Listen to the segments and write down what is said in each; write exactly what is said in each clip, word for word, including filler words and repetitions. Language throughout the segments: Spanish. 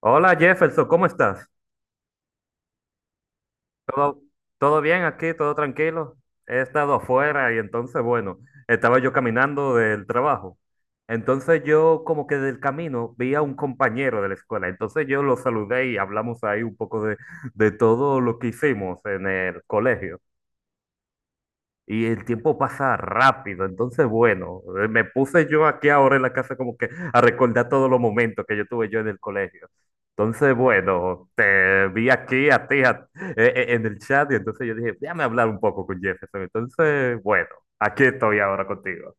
Hola Jefferson, ¿cómo estás? ¿Todo, todo bien aquí? ¿Todo tranquilo? He estado afuera y entonces, bueno, estaba yo caminando del trabajo. Entonces yo como que del camino vi a un compañero de la escuela. Entonces yo lo saludé y hablamos ahí un poco de, de todo lo que hicimos en el colegio. Y el tiempo pasa rápido, entonces bueno, eh, me puse yo aquí ahora en la casa como que a recordar todos los momentos que yo tuve yo en el colegio. Entonces bueno, te vi aquí a ti a- eh, eh, en el chat y entonces yo dije, déjame hablar un poco con Jefferson. Entonces bueno, aquí estoy ahora contigo.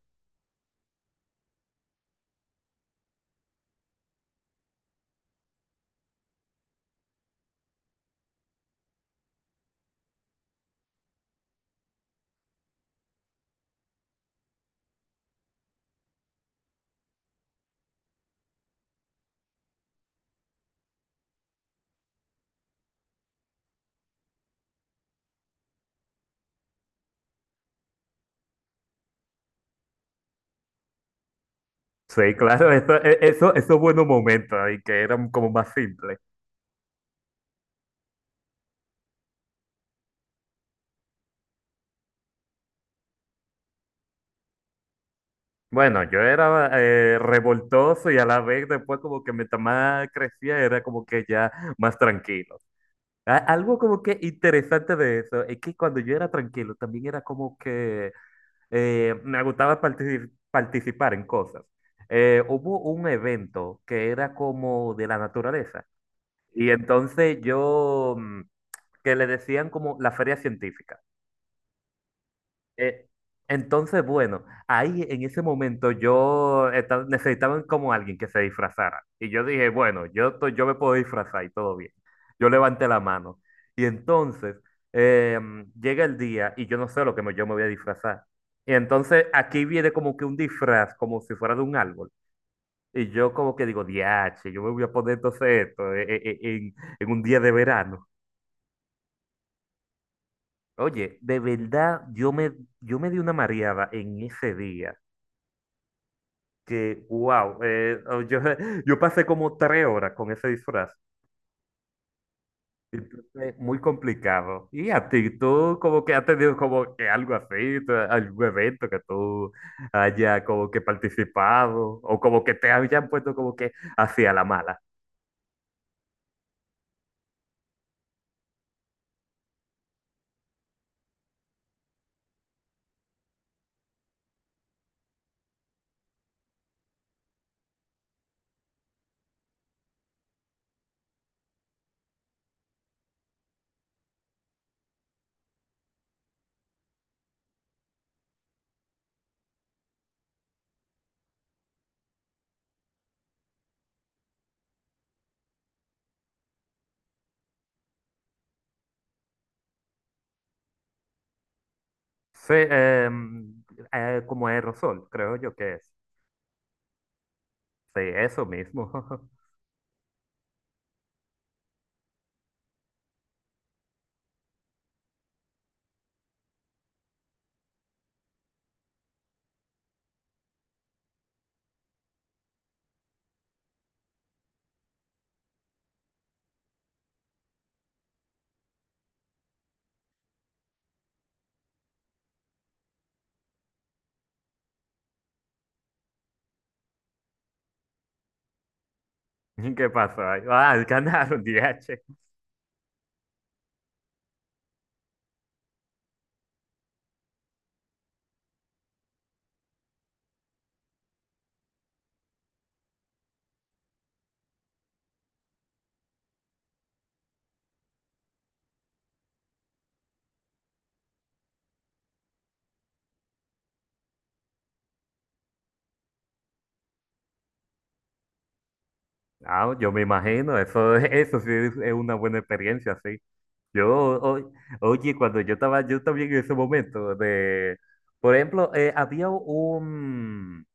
Sí, claro, eso, eh, eso, esos buenos momentos ahí que eran como más simples. Bueno, yo era eh, revoltoso y a la vez después como que mientras más crecía era como que ya más tranquilo. A- Algo como que interesante de eso es que cuando yo era tranquilo también era como que eh, me gustaba partici- participar en cosas. Eh, hubo un evento que era como de la naturaleza y entonces yo, mm, que le decían como la feria científica. Eh, entonces, bueno, ahí en ese momento yo esta- necesitaban como alguien que se disfrazara. Y yo dije, bueno, yo, to- yo me puedo disfrazar y todo bien. Yo levanté la mano. Y entonces em, llega el día y yo no sé lo que me- yo me voy a disfrazar. Y entonces aquí viene como que un disfraz, como si fuera de un árbol. Y yo como que digo, diache, yo me voy a poner entonces esto eh, eh, eh, en, en un día de verano. Oye, de verdad, yo me, yo me di una mareada en ese día, que, wow, eh, oh, yo, yo pasé como tres horas con ese disfraz. Entonces, muy complicado. Y a ti, tú como que has tenido como que algo así, tú- algún evento que tú haya como que participado o como que te hayan puesto como que hacia la mala. Sí, em, eh, como aerosol, creo yo que es. Sí, eso mismo. ¿Y ¿Qué pasó? Ahí? Ah, ganaron, D H. Ah, yo me imagino, eso, eso sí es una buena experiencia, sí. Yo, o- oye, cuando yo estaba, yo también en ese momento de, por ejemplo, eh, había un,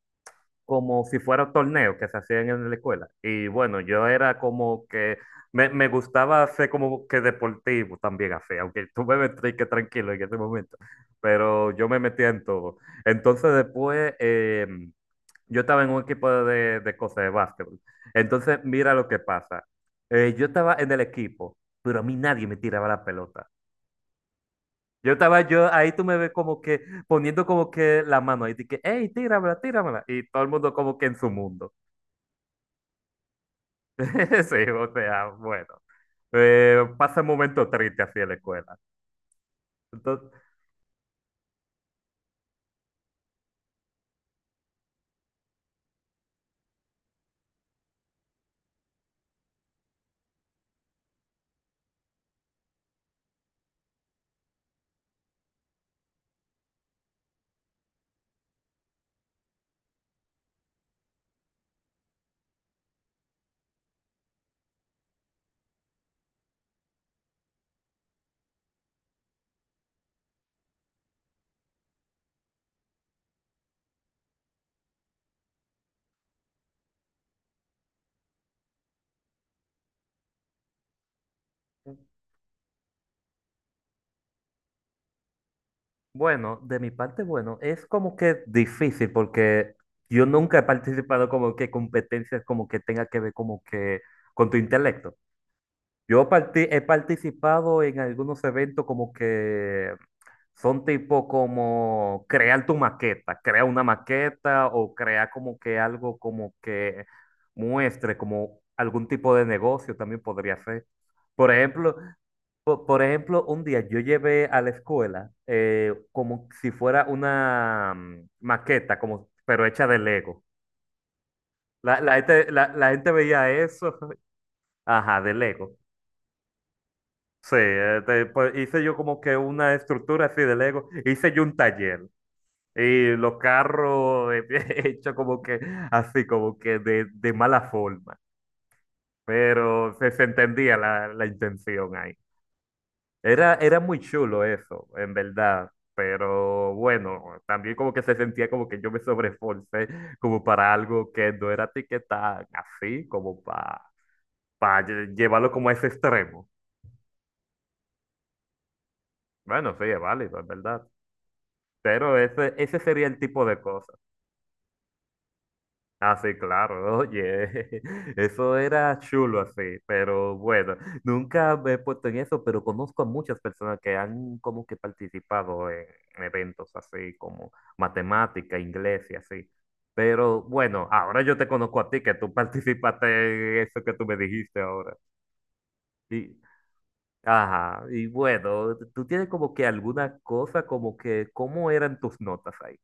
como si fuera un torneo que se hacían en la escuela. Y bueno, yo era como que, me, me gustaba ser como que deportivo también así, aunque tú me ves que tranquilo en ese momento, pero yo me metía en todo. Entonces después, eh, yo estaba en un equipo de, de cosas de básquetbol. Entonces, mira lo que pasa. Eh, yo estaba en el equipo, pero a mí nadie me tiraba la pelota. Yo estaba yo ahí, tú me ves como que poniendo como que la mano ahí, de que, hey, tíramela, tíramela. Y todo el mundo como que en su mundo. Sí, o sea, bueno. Eh, pasa un momento triste así en la escuela. Entonces, bueno, de mi parte, bueno, es como que difícil porque yo nunca he participado como que competencias como que tenga que ver como que con tu intelecto. Yo parti- he participado en algunos eventos como que son tipo como crear tu maqueta, crea una maqueta o crea como que algo como que muestre como algún tipo de negocio también podría ser. Por ejemplo, po- por, ejemplo, un día yo llevé a la escuela eh, como si fuera una mm, maqueta, como, pero hecha de Lego. La, la gente, la la gente veía eso, ajá, de Lego. Sí, eh, te- pues, hice yo como que una estructura así de Lego, hice yo un taller y los carros eh, hecho como que así, como que de, de mala forma, pero se, se entendía la, la intención ahí. Era, era muy chulo eso, en verdad, pero bueno, también como que se sentía como que yo me sobreesforcé como para algo que no era ti que tan así, como para llevarlo como a ese extremo. Bueno, sí, es válido, es verdad. Pero ese, ese sería el tipo de cosas. Así, claro, oye, eso era chulo así, pero bueno, nunca me he puesto en eso, pero conozco a muchas personas que han como que participado en eventos así como matemática, inglés y así. Pero bueno, ahora yo te conozco a ti, que tú participaste en eso que tú me dijiste ahora. Y, ajá, y bueno, tú tienes como que alguna cosa como que, ¿cómo eran tus notas ahí?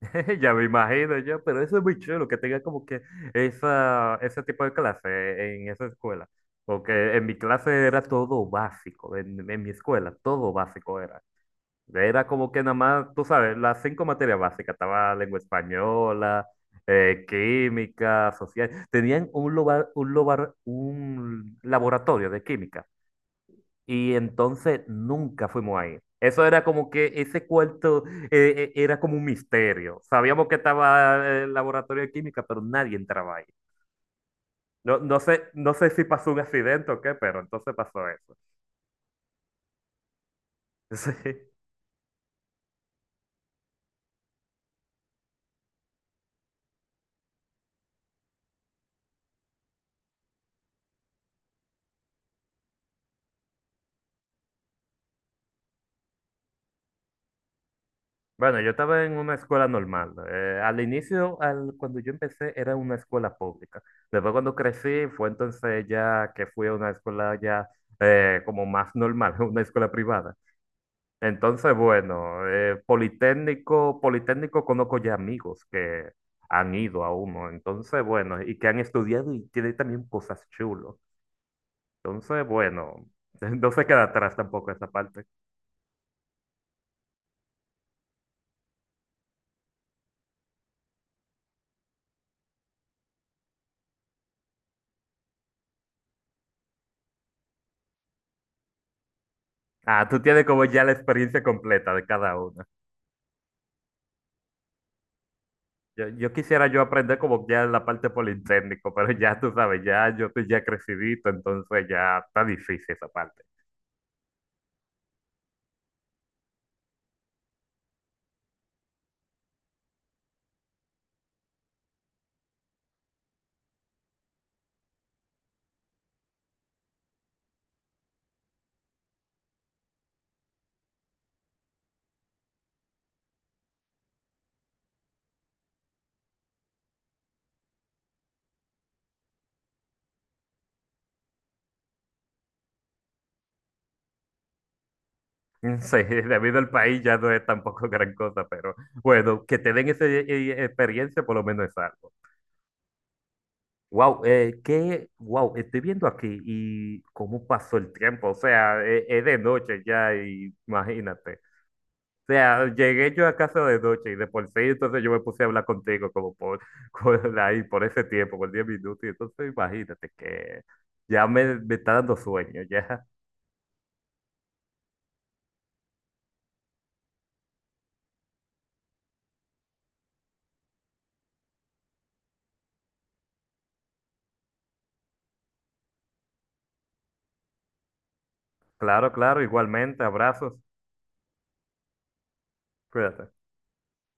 Ya me imagino yo, pero eso es muy chulo, que tenga como que esa, ese tipo de clase en esa escuela. Porque en mi clase era todo básico, en, en mi escuela todo básico era. Era como que nada más, tú sabes, las cinco materias básicas, estaba lengua española, eh, química, social. Tenían un, loba- un, lobar- un laboratorio de química y entonces nunca fuimos ahí. Eso era como que ese cuarto eh, eh, era como un misterio. Sabíamos que estaba eh, el laboratorio de química, pero nadie entraba ahí. No, no sé, no sé si pasó un accidente o qué, pero entonces pasó eso. Sí. Bueno, yo estaba en una escuela normal. Eh, al inicio, al, cuando yo empecé, era una escuela pública. Después cuando crecí, fue entonces ya que fui a una escuela ya eh, como más normal, una escuela privada. Entonces, bueno, eh, Politécnico, Politécnico, conozco ya amigos que han ido a uno, entonces, bueno, y que han estudiado y tiene también cosas chulas. Entonces, bueno, no se queda atrás tampoco esa parte. Ah, tú tienes como ya la experiencia completa de cada una. Yo, yo quisiera yo aprender como ya la parte Politécnico, pero ya tú sabes, ya yo estoy ya crecidito, entonces ya está difícil esa parte. Sí, debido al país ya no es tampoco gran cosa, pero bueno, que te den esa eh, eh, experiencia por lo menos es algo. Wow, eh, qué, wow, estoy viendo aquí y cómo pasó el tiempo, o sea, eh, es, de noche ya, y imagínate. O sea, llegué yo a casa de noche y de por sí, entonces yo me puse a hablar contigo como por, con- ahí, por ese tiempo, por diez minutos, y entonces imagínate que ya me, me está dando sueño, ya. Claro, claro, igualmente, abrazos, cuídate.